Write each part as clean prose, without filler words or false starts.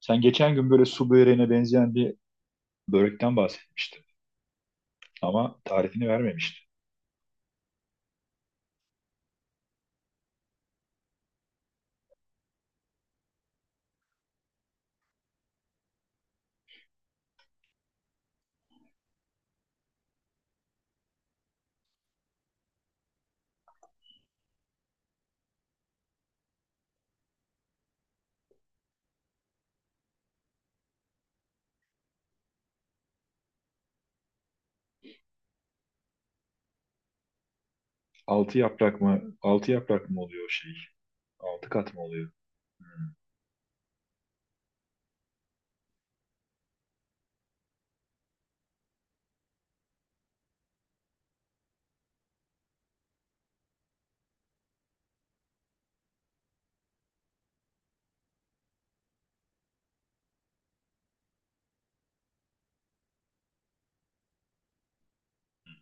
Sen geçen gün böyle su böreğine benzeyen bir börekten bahsetmiştin. Ama tarifini vermemiştin. Altı yaprak mı? Altı yaprak mı oluyor o şey? Altı kat mı oluyor?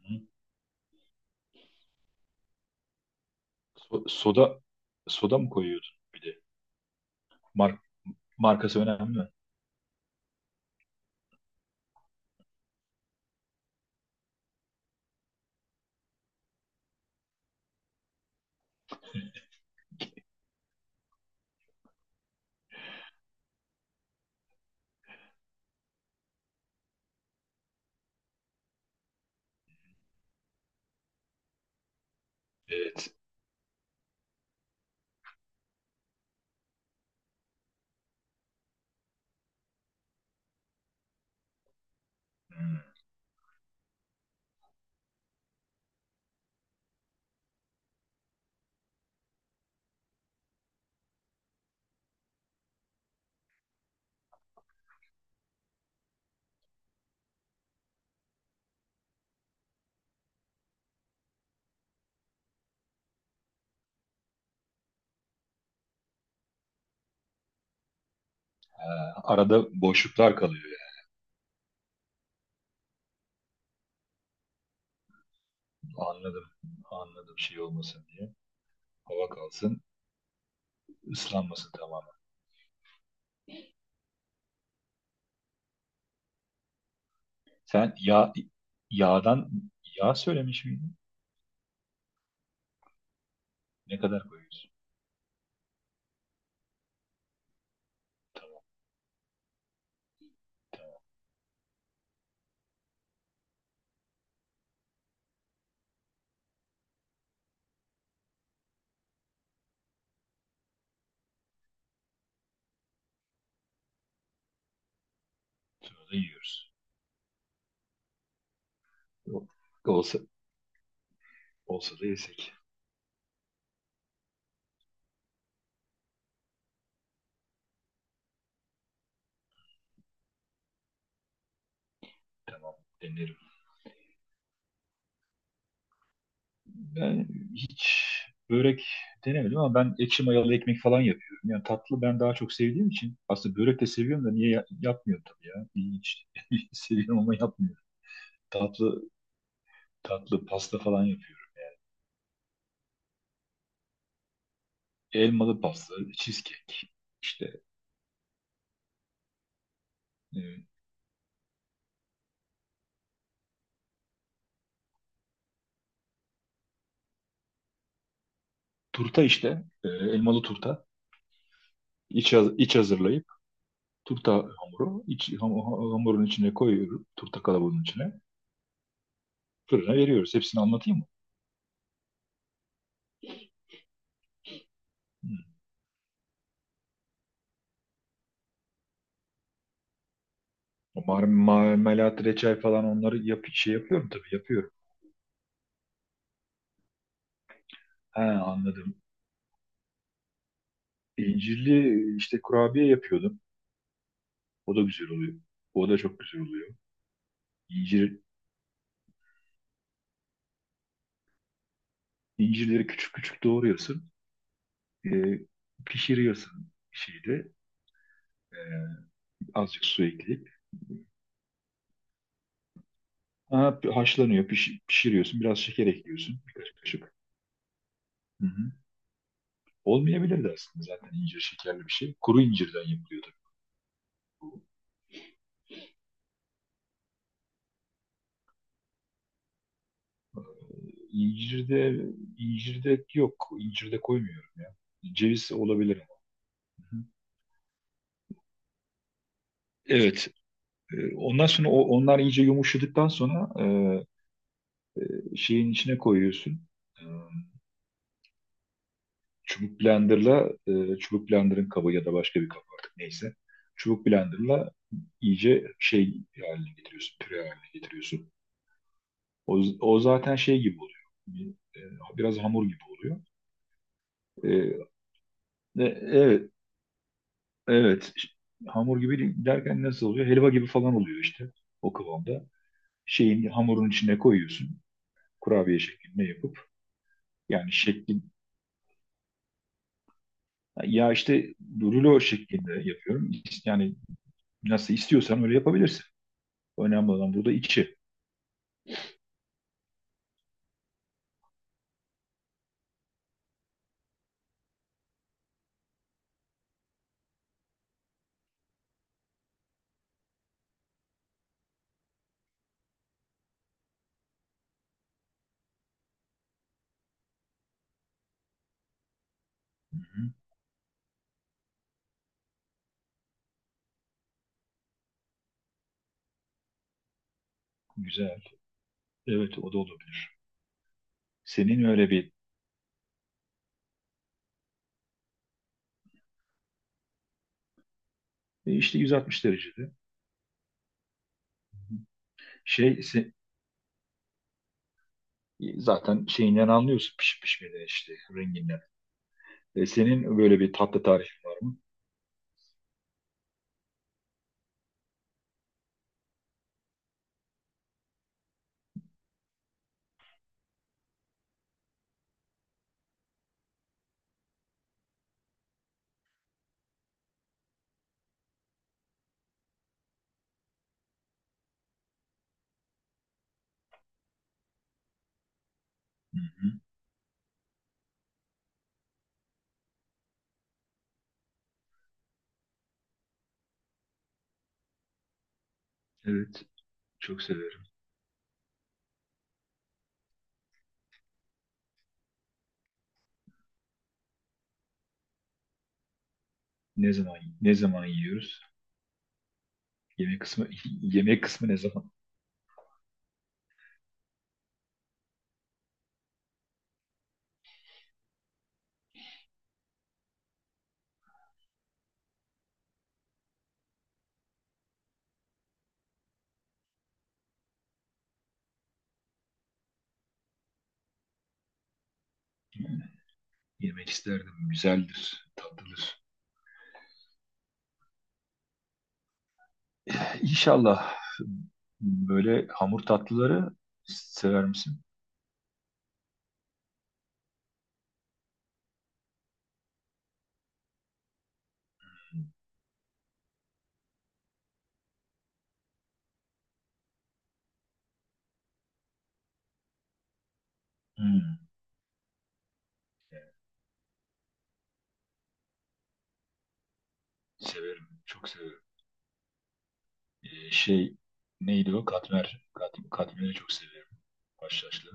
Hı. Soda, soda mı koyuyordun bir de? Mar- markası önemli mi? Evet. Ha, arada boşluklar kalıyor yani. Anladım. Anladım şey olmasın diye. Hava kalsın, ıslanmasın tamamen. Sen yağ, yağdan, yağ söylemiş miydin? Ne kadar koyuyorsun? Tamam, tamam. Sonra da yiyoruz. Olsa, Olsa da yesek. Tamam, denerim. Ben hiç börek denemedim ama ben ekşi mayalı ekmek falan yapıyorum. Yani tatlı ben daha çok sevdiğim için aslında börek de seviyorum da niye yapmıyorum tabii ya. İlginç. Seviyorum ama yapmıyorum. Tatlı, tatlı pasta falan yapıyorum. Elmalı pasta, cheesecake. İşte e, turta işte. Elmalı turta. İç hazırlayıp turta hamuru. Hamurun içine koyuyorum. Turta kalabalığının içine. Fırına veriyoruz. Hepsini anlatayım mı? O marmelat, reçel falan, onları yap, şey yapıyorum, tabii yapıyorum. He, anladım. İncirli işte kurabiye yapıyordum. O da güzel oluyor. O da çok güzel oluyor. İncir, incirleri küçük küçük doğruyorsun. E, pişiriyorsun şeyde. E, azıcık su ekleyip. Ha, haşlanıyor, pişiriyorsun. Biraz şeker ekliyorsun. Birkaç kaşık. Hı hı. Olmayabilirdi aslında, zaten incir şekerli bir şey. Kuru incirden yapılıyor. İncirde, incirde yok. İncirde koymuyorum ya. Ceviz olabilir ama. Hı hı. Evet. Ondan sonra onlar iyice yumuşadıktan sonra, şeyin içine koyuyorsun. E, Çubuk blenderla, çubuk blenderın kabı ya da başka bir kabı, artık neyse. Çubuk blenderla iyice şey haline getiriyorsun. Püre haline getiriyorsun. O zaten şey gibi oluyor. Bir, Biraz hamur gibi oluyor. E, Evet, evet, işte. Hamur gibi derken nasıl oluyor? Helva gibi falan oluyor işte, o kıvamda. Şeyin, hamurun içine koyuyorsun. Kurabiye şeklinde yapıp, yani şeklin, ya işte rulo şeklinde yapıyorum. Yani nasıl istiyorsan öyle yapabilirsin. Önemli olan burada içi. Hı. Güzel. Evet, o da olabilir. Senin öyle bir işte 160 derecede, şey se- zaten şeyinden anlıyorsun pişip pişmeden, işte renginden. Senin böyle bir tatlı tarifin var mı? Hı. Evet. Çok severim. Ne zaman, ne zaman yiyoruz? Yemek kısmı, yemek kısmı ne zaman? Yemek isterdim. Güzeldir, tatlıdır. İnşallah. Böyle hamur tatlıları sever misin? Hmm, severim. Çok severim. Şey, neydi o? Katmer. Katmeri çok severim. Haşhaşlı.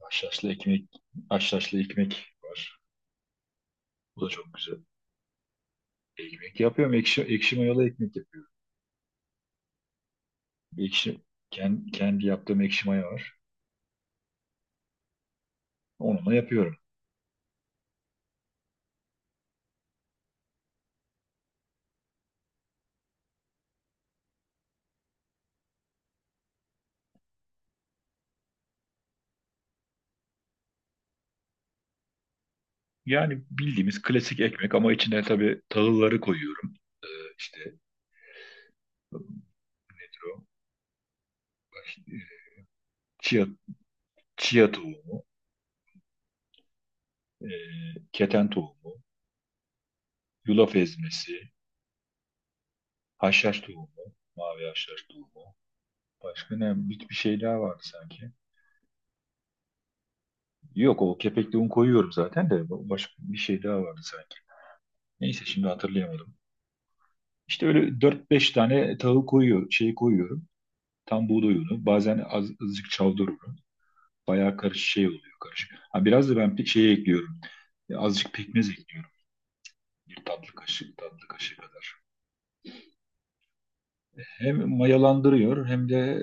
Haşhaşlı ekmek. Haşhaşlı ekmek var. Bu da çok güzel. Ekmek yapıyorum. Ekşi mayalı ekmek yapıyorum. Ekşi, kendi yaptığım ekşi maya var. Onunla yapıyorum. Yani bildiğimiz klasik ekmek ama içine tabii tahılları koyuyorum. Ee, işte nedir o? Ee, chia, chia tohumu, e, keten tohumu, yulaf ezmesi, haşhaş tohumu, mavi haşhaş tohumu. Başka ne? Bir şey daha vardı sanki. Yok, o kepekli un koyuyorum zaten, de başka bir şey daha vardı sanki. Neyse, şimdi hatırlayamadım. İşte öyle 4 5 tane tahıl koyuyor, şey koyuyorum. Tam buğday unu, bazen azıcık çavdar unu. Bayağı karışık şey oluyor, karışık. Ha, biraz da ben bir şey ekliyorum. Azıcık pekmez ekliyorum. Tatlı kaşığı kadar. Hem mayalandırıyor hem de,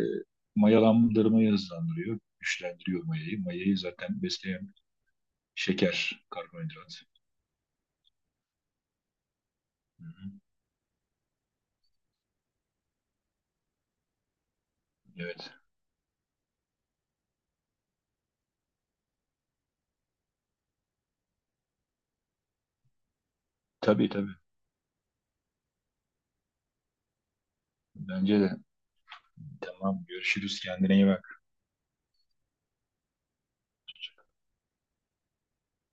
mayalandırmayı hızlandırıyor. Güçlendiriyor mayayı. Mayayı zaten besleyen şeker, karbonhidrat. Hı hı. Evet. Tabii, tabii. Bence de. Tamam. Görüşürüz. Kendine iyi bak.